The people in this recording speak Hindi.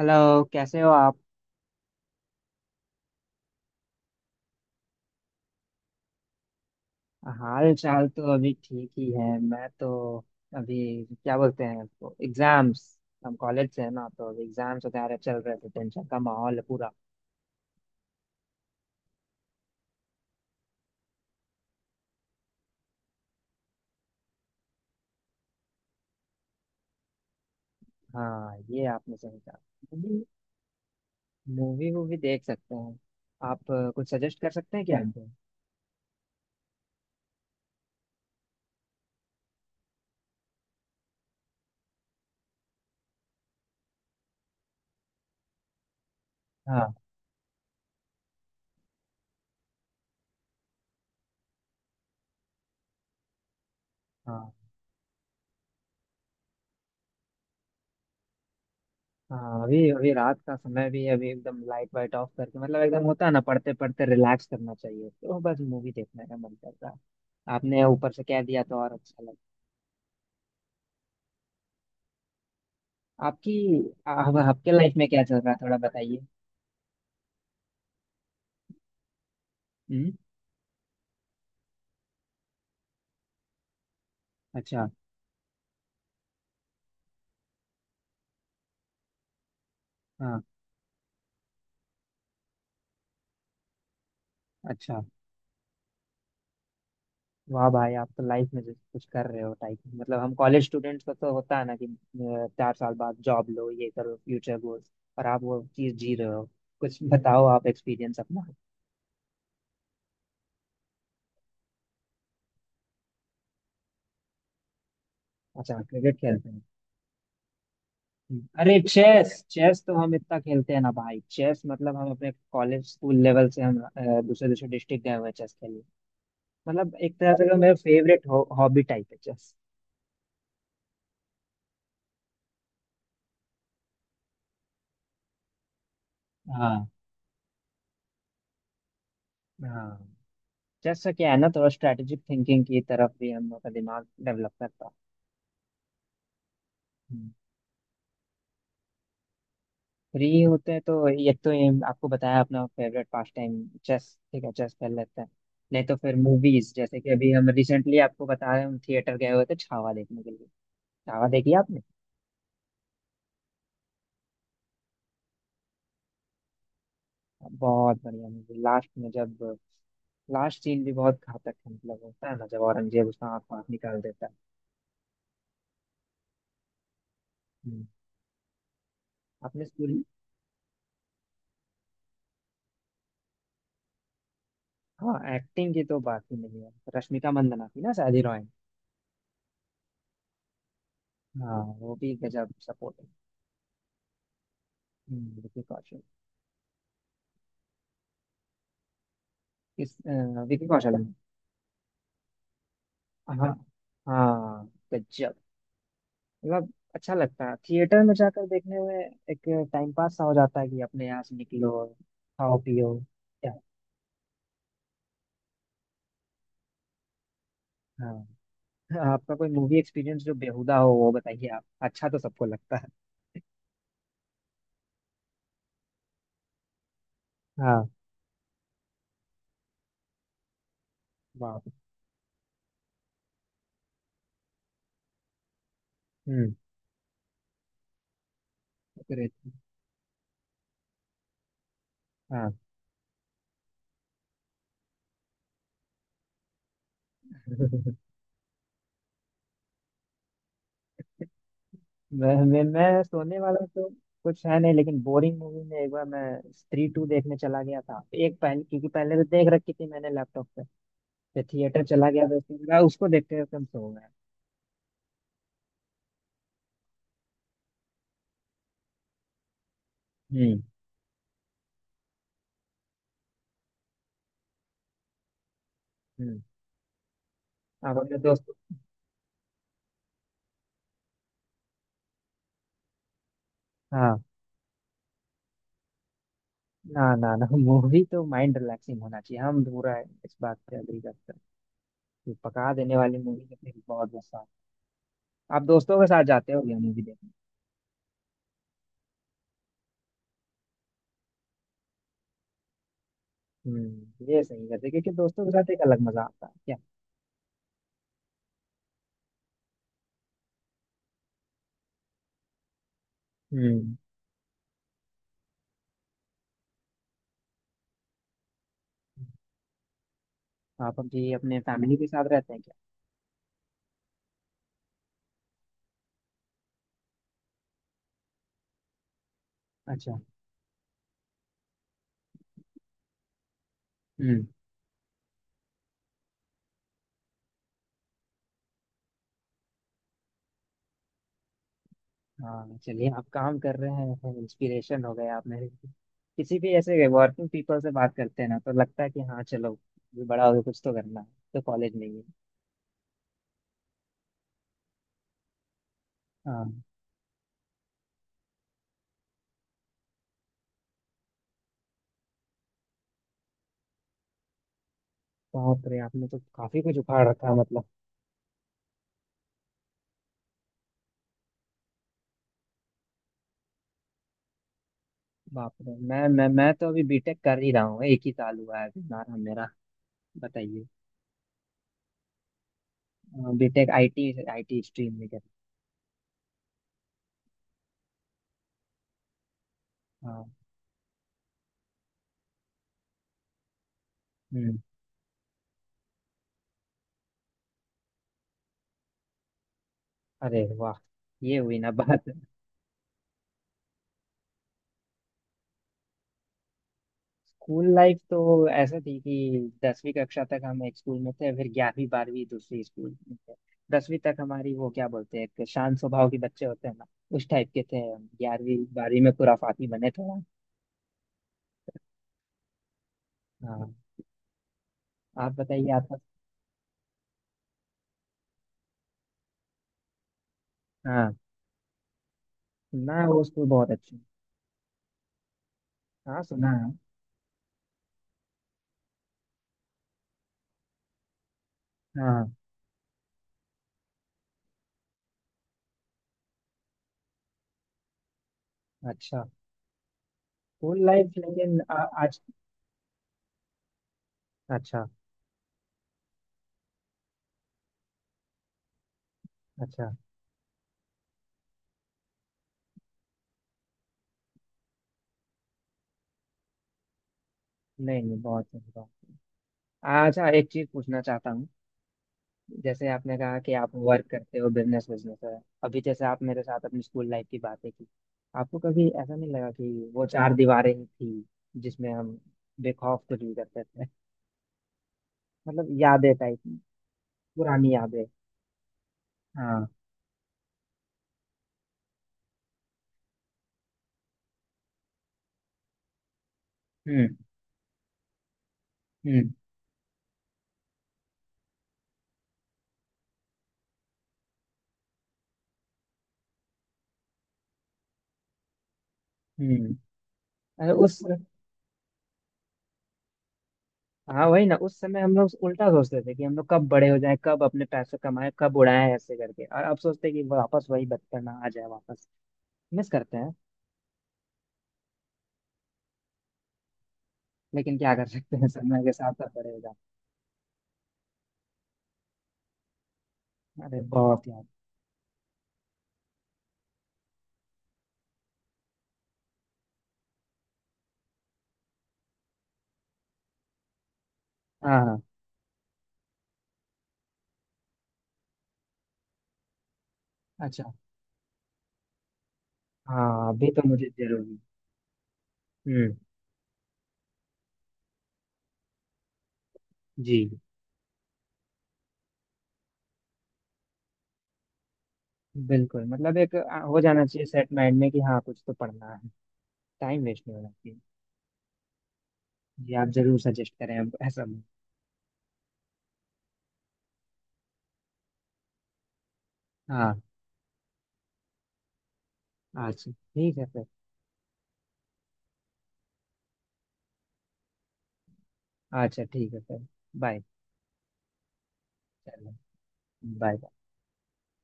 हेलो, कैसे हो आप। हाल चाल तो अभी ठीक ही है। मैं तो अभी क्या बोलते हैं तो एग्जाम्स, हम कॉलेज से है ना, तो अभी एग्जाम्स वगैरह चल रहे थे। टेंशन का माहौल है पूरा। हाँ, ये आपने सही कहा। मूवी, मूवी वूवी देख सकते हैं। आप कुछ सजेस्ट कर सकते हैं क्या हमको। हाँ, हाँ, हाँ। अभी अभी रात का समय भी है, अभी एकदम लाइट वाइट ऑफ करके, मतलब एकदम होता है ना, पढ़ते पढ़ते रिलैक्स करना चाहिए, तो बस मूवी देखने का मन कर रहा है। आपने ऊपर से कह दिया तो और अच्छा। आपकी, आपके लाइफ में क्या चल रहा है, थोड़ा बताइए। हम्म। अच्छा। हाँ। अच्छा। वाह भाई, आप तो लाइफ में जैसे कुछ कर रहे हो टाइप। मतलब हम कॉलेज स्टूडेंट्स को तो होता है ना कि चार साल बाद जॉब लो, ये करो, फ्यूचर गोल्स। और आप वो चीज जी रहे हो। कुछ बताओ आप एक्सपीरियंस अपना। अच्छा, क्रिकेट खेलते हैं। अरे, चेस चेस तो हम इतना खेलते हैं ना भाई। चेस मतलब हम अपने कॉलेज स्कूल लेवल से हम दूसरे दूसरे डिस्ट्रिक्ट गए हुए हैं चेस खेलने। मतलब एक तरह से मेरा फेवरेट हॉबी टाइप है चेस। हाँ। हाँ, जैसा क्या है ना, थोड़ा स्ट्रेटेजिक थिंकिंग की तरफ भी हम लोग का दिमाग डेवलप करता है। हम्म। फ्री होते हैं तो एक तो ये आपको बताया अपना फेवरेट पास टाइम चेस। ठीक है, चेस खेल लेते हैं। नहीं तो फिर मूवीज, जैसे कि अभी हम रिसेंटली आपको बता रहे हैं, हम थिएटर गए हुए थे छावा देखने के लिए। छावा देखी आपने। बहुत बढ़िया मूवी। लास्ट में जब, लास्ट सीन भी बहुत घातक है। मतलब होता है ना, जब औरंगजेब उसका आँख आँख निकाल देता है। हम्म। अपने स्कूल। हाँ, एक्टिंग की तो बात ही नहीं है। रश्मिका मंदाना थी ना शायद हीरोइन। हाँ, वो भी गजब सपोर्ट है। विकी कौशल। किस विकी कौशल है। हाँ। हाँ। गजब। मतलब अच्छा लगता है थिएटर में जाकर देखने में। एक टाइम पास सा हो जाता है कि अपने यहाँ से निकलो, खाओ पियो। क्या। हाँ। आपका कोई मूवी एक्सपीरियंस जो बेहुदा हो वो बताइए आप। अच्छा, तो सबको लगता है। हाँ। वाह। हम्म। तो हाँ। मैं सोने वाला तो कुछ है नहीं, लेकिन बोरिंग मूवी में एक बार मैं स्त्री टू देखने चला गया था एक। पहले क्योंकि पहले तो देख रखी थी मैंने लैपटॉप पे, फिर थिएटर चला गया, तो उसके बाद उसको देखते हुए कम सो गया। हम्म। हम्म। आप अपने दोस्त। हाँ। ना ना ना, मूवी तो माइंड रिलैक्सिंग होना चाहिए। हम पूरा इस बात पे अग्री करते हैं कि पका देने वाली मूवी तो फिर बहुत गुस्सा आता है। आप दोस्तों के साथ जाते हो क्या मूवी देखने। हम्म, ये सही करते हैं, क्योंकि दोस्तों के साथ एक अलग मजा आता है क्या। हम्म। आप अभी अपने फैमिली के साथ रहते हैं क्या। अच्छा। हम्म। हाँ, चलिए, आप काम कर रहे हैं। इंस्पिरेशन हो गए आप मेरे लिए। किसी भी ऐसे वर्किंग पीपल से बात करते हैं ना तो लगता है कि हाँ चलो, ये बड़ा हो गया, कुछ तो करना है। तो कॉलेज नहीं है। हाँ। बाप रे, आपने तो काफी कुछ उखाड़ रखा है मतलब। बाप रे। मैं तो अभी बीटेक कर ही रहा हूँ। एक ही साल हुआ है अभी हमारा मेरा। बताइए। B Tech IT. आईटी स्ट्रीम में कर। हाँ। हम्म। अरे वाह, ये हुई ना बात। स्कूल लाइफ तो ऐसा थी कि दसवीं कक्षा तक हम एक स्कूल में थे, फिर ग्यारहवीं बारहवीं दूसरे स्कूल में थे। दसवीं तक हमारी, वो क्या बोलते हैं, एक शांत स्वभाव के बच्चे होते हैं ना, उस टाइप के थे हम। ग्यारहवीं बारहवीं में खुराफाती बने थोड़ा। हाँ। आप बताइए आपका। हाँ ना, वो स्कूल बहुत अच्छे। हाँ, सुना है। हाँ। अच्छा। स्कूल लाइफ, लेकिन आज। अच्छा। अच्छा, नहीं नहीं, बहुत सही बात। अच्छा, एक चीज पूछना चाहता हूँ। जैसे आपने कहा कि आप वर्क करते हो, बिजनेस बिजनेस है। अभी जैसे आप मेरे साथ अपनी स्कूल लाइफ की बातें की, आपको कभी ऐसा नहीं लगा कि वो चार दीवारें ही थी जिसमें हम बेखौफ कुछ भी करते थे, मतलब यादें टाइप, पुरानी यादें। हाँ। हम्म। हम्म। हम्म। अरे उस, हाँ वही ना, उस समय हम लोग उल्टा सोचते थे कि हम लोग कब बड़े हो जाएं, कब अपने पैसे कमाएं, कब उड़ाएं, ऐसे करके। और अब सोचते हैं कि वापस वही बचपना आ जाए वापस। मिस करते हैं। लेकिन क्या कर सकते हैं, समय के साथ सब बड़े हो जाते हैं। अरे, बहुत याद। हाँ। अच्छा। हाँ, अभी तो मुझे जरूरी। हम्म। जी। बिल्कुल, मतलब एक हो जाना चाहिए सेट माइंड में कि हाँ, कुछ तो पढ़ना है। टाइम वेस्ट नहीं होना चाहिए। जी, आप जरूर सजेस्ट करें अब ऐसा। हाँ। अच्छा, ठीक है सर। अच्छा, ठीक है सर। बाय। चलो। बाय।